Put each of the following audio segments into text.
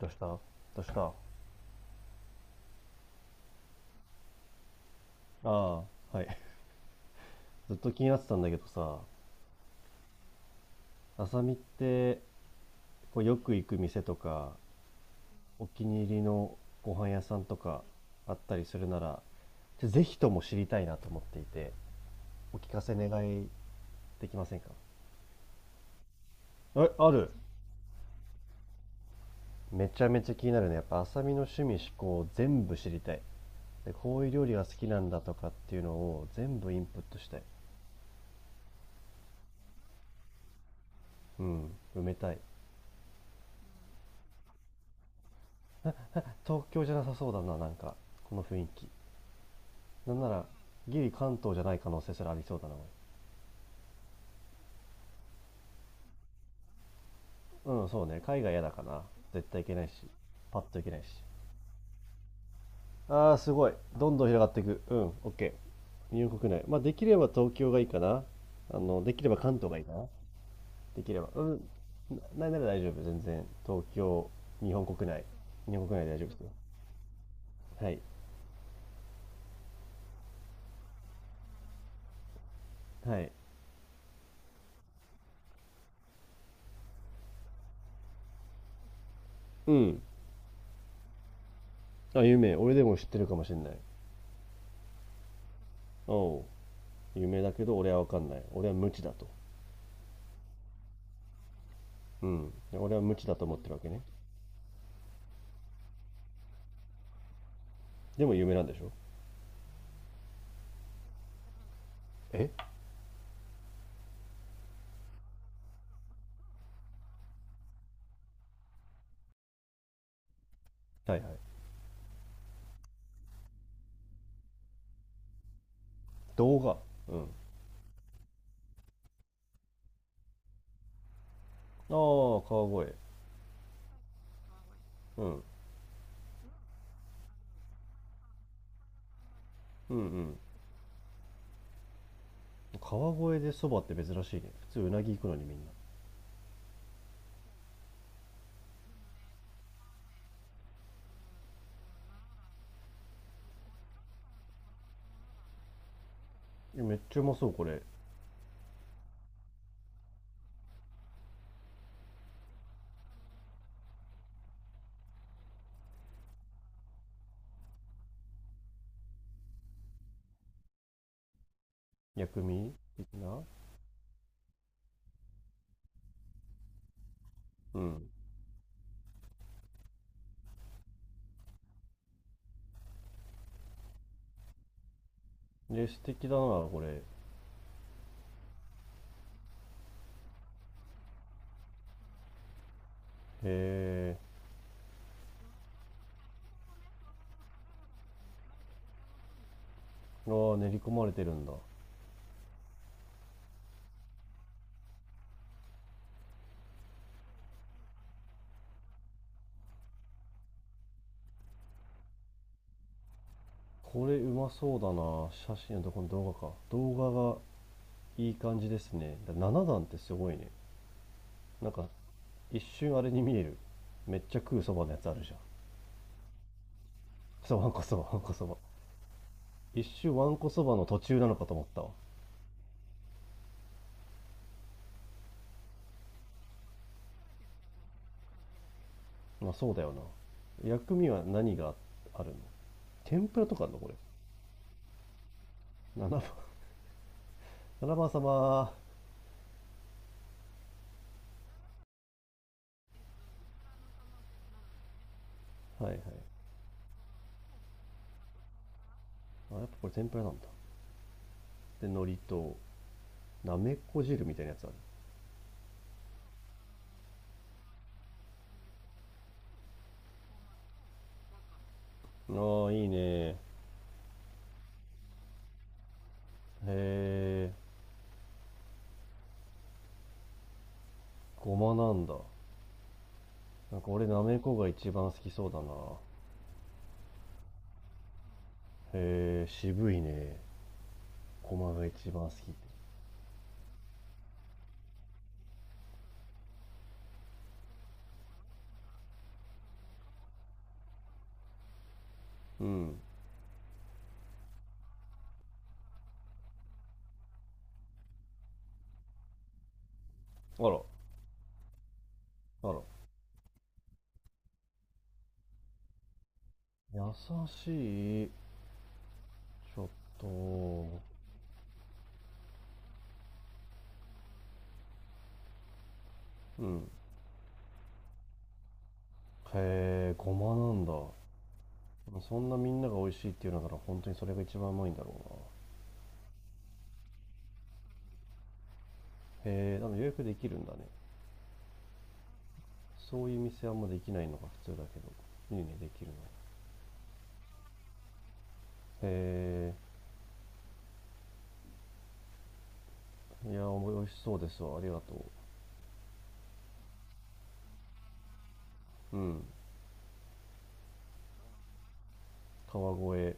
どうしたどうした。ああ、はい。ずっと気になってたんだけどさ、あさみってこうよく行く店とか、お気に入りのご飯屋さんとかあったりするなら、ぜひとも知りたいなと思っていて、お聞かせ願いできませんか？え、ある。めちゃめちゃ気になるね。やっぱあさみの趣味思考全部知りたい。で、こういう料理が好きなんだとかっていうのを全部インプットしたい。うん、埋めたい。東京じゃなさそうだな、なんか、この雰囲気。なんなら、ギリ関東じゃない可能性すらありそうだな。うん、そうね。海外嫌だかな。絶対行けないし。パッと行けないし。あー、すごい。どんどん広がっていく。うん、OK。日本国内。まあ、できれば東京がいいかな。あの、できれば関東がいいかな。できれば。うん。なんなら大丈夫。全然。東京、日本国内。日本国内で大丈夫ですよ。はい。はい。うん。あ、有名。俺でも知ってるかもしれない。おう。有名だけど、俺はわかんない。俺は無知だと。うん。俺は無知だと思ってるわけね。でも有名なんでしょ？え、はいはい。動画。うん。ああ、川越、うん、うん。うん、川越でそばって珍しいね。普通うなぎ行くのにみんな。いや、めっちゃうまそうこれ。薬味的な。うん。で、素敵だなこれ。へえ。ああ、練り込まれてるんだ。これうまそうだな。写真のとこの動画がいい感じですね。7段ってすごいね。なんか一瞬あれに見える。めっちゃ食うそばのやつあるじゃん。そばんこそばんこそば、一瞬わんこそばの途中なのかと思ったわ。まあそうだよな。薬味は何があるの？天ぷらとかあるのこれ？7番、 7 番様。はいはい。あ、やっぱこれ天ぷらなんだ。で、海苔となめこ汁みたいなやつある。ああ、いいね。へえ、ごまなんだ。なんか俺なめこが一番好きそうだな。へえ、渋いね。ごまが一番好きって。うん。あら。あら。優しい。ちょっと。うん。へえ、ごまなんだ。そんなみんなが美味しいっていうのなら本当にそれが一番うまいんだろうな。へえ、でも予約できるんだね。そういう店あんまできないのが普通だけど。いいね、できるの。へえ、いや、美味しそうですわ。ありがとう。うん。川越。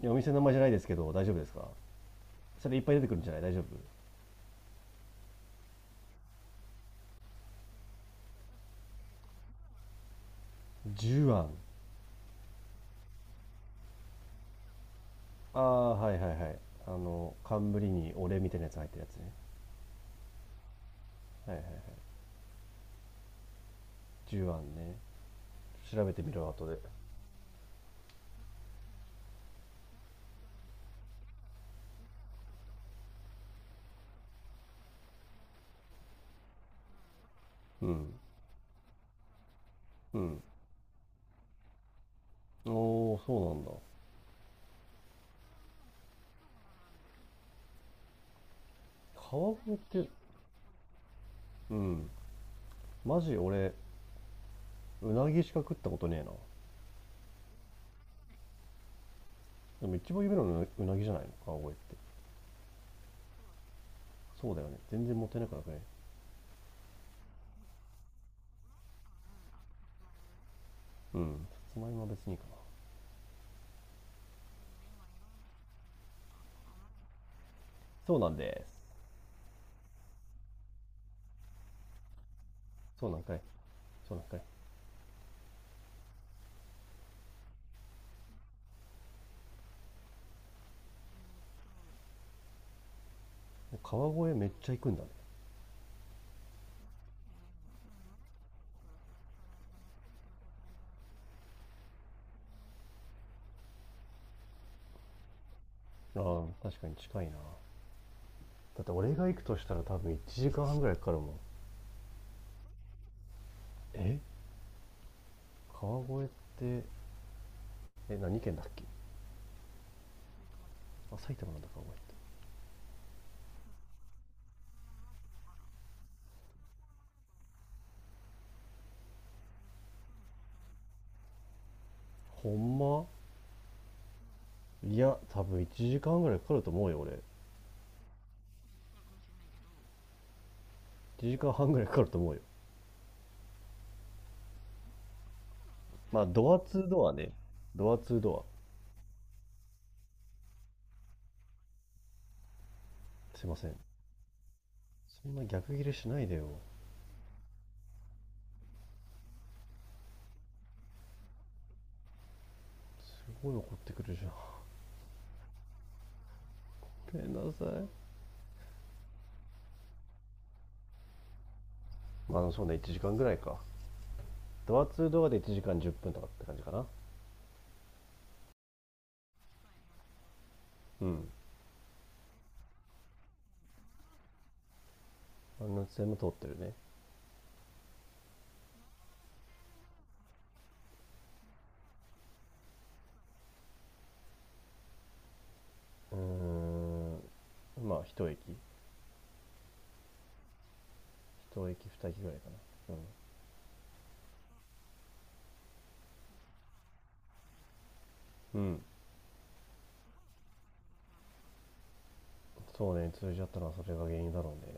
いや、お店の名前じゃないですけど、大丈夫ですか？それいっぱい出てくるんじゃない？大丈夫？ジュアン。ああ、はいはいはい。あの、冠にお礼みたいなやつ入ってるやつね。はいはいはい。ジュアンね。調べてみるわ、後で。うん。うん。おお、そうなんだ。川越って、うん、マジ俺、うなぎしか食ったことねえな。でも一番有名なのうなぎじゃないの川越って。そうだよね。全然もったいなくなくね？うん。さつまいもは別にいいかな。そうなんです。そうなんかい。そうなんかい。川越めっちゃ行くんだね。ああ、確かに近いな。だって俺が行くとしたら多分1時間半ぐらいかかるもん。え、川越って、え、何県だっけ？あ、埼玉なんだ川越って。ほんま？いや、多分1時間ぐらいかかると思うよ、俺。1時間半ぐらいかかると思うよ。まあ、ドア2ドアね。ドア2ドア。すいません。そんな逆切れしないでよ。すごい怒ってくるじゃん。ごめんなさい。まあ、そうね、1時間ぐらいか。ドア2ドアで1時間10分とかって感じかな。うん。あの線も通ってるね。うーん。まあ、一駅。一駅、二駅ぐらいかな。うん。うん。そうね、通じ合ったのはそれが原因だろうね。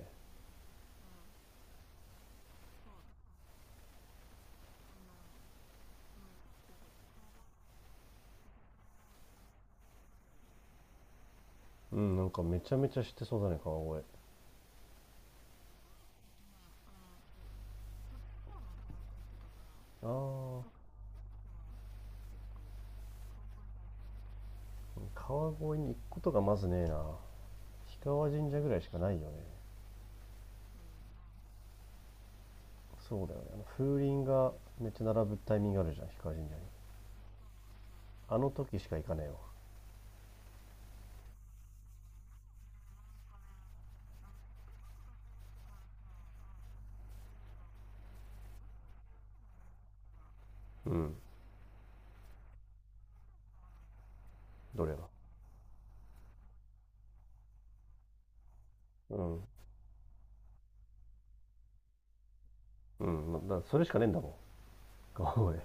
うん、なんかめちゃめちゃ知ってそうだね、川越。ああ、川越に行くことがまずねえな。氷川神社ぐらいしかないよね。そうだよね。あの風鈴がめっちゃ並ぶタイミングあるじゃん氷川神社に。あの時しか行かねえわ。うん。どれは。うん。うん。ま、だからそれしかねえんだもん川越。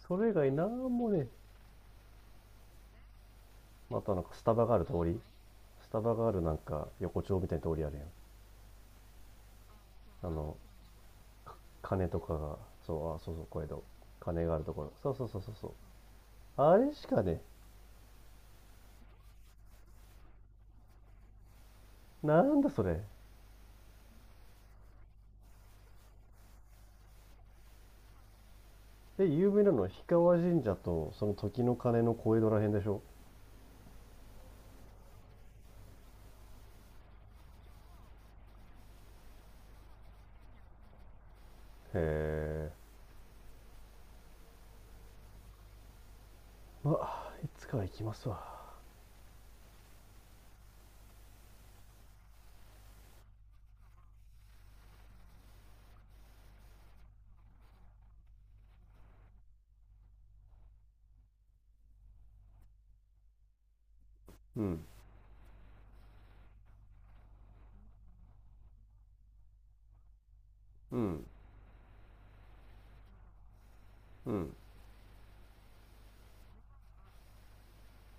それ以外なんもねえ。あとなんかスタバがある通り、スタバがあるなんか横丁みたいな通りあるやん。あの鐘とかが、そう、あ、そうそう、小江戸、鐘があるところ、そうそうそうそうそう。あれしかねえ。なんだそれ？で、有名なのは氷川神社とその時の鐘の小江戸らへんでしょ？へえ。まあいつかは行きますわ。うん。うん。うん。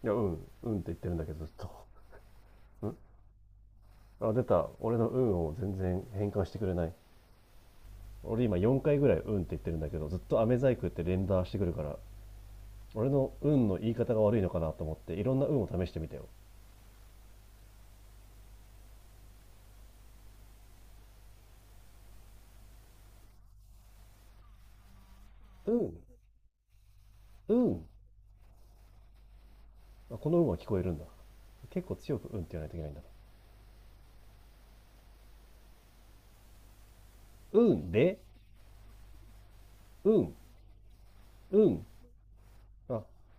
いや、うんうんって言ってるんだけどずっと。ん、あ、出た。俺の運を全然変換してくれない。俺今4回ぐらいうんって言ってるんだけどずっと飴細工って連打してくるから、俺の運の言い方が悪いのかなと思っていろんな運を試してみたよ。うん。うん。あ、この運は聞こえるんだ。結構強くうんって言わないといけないんだ。うん。で、うん。うん。あ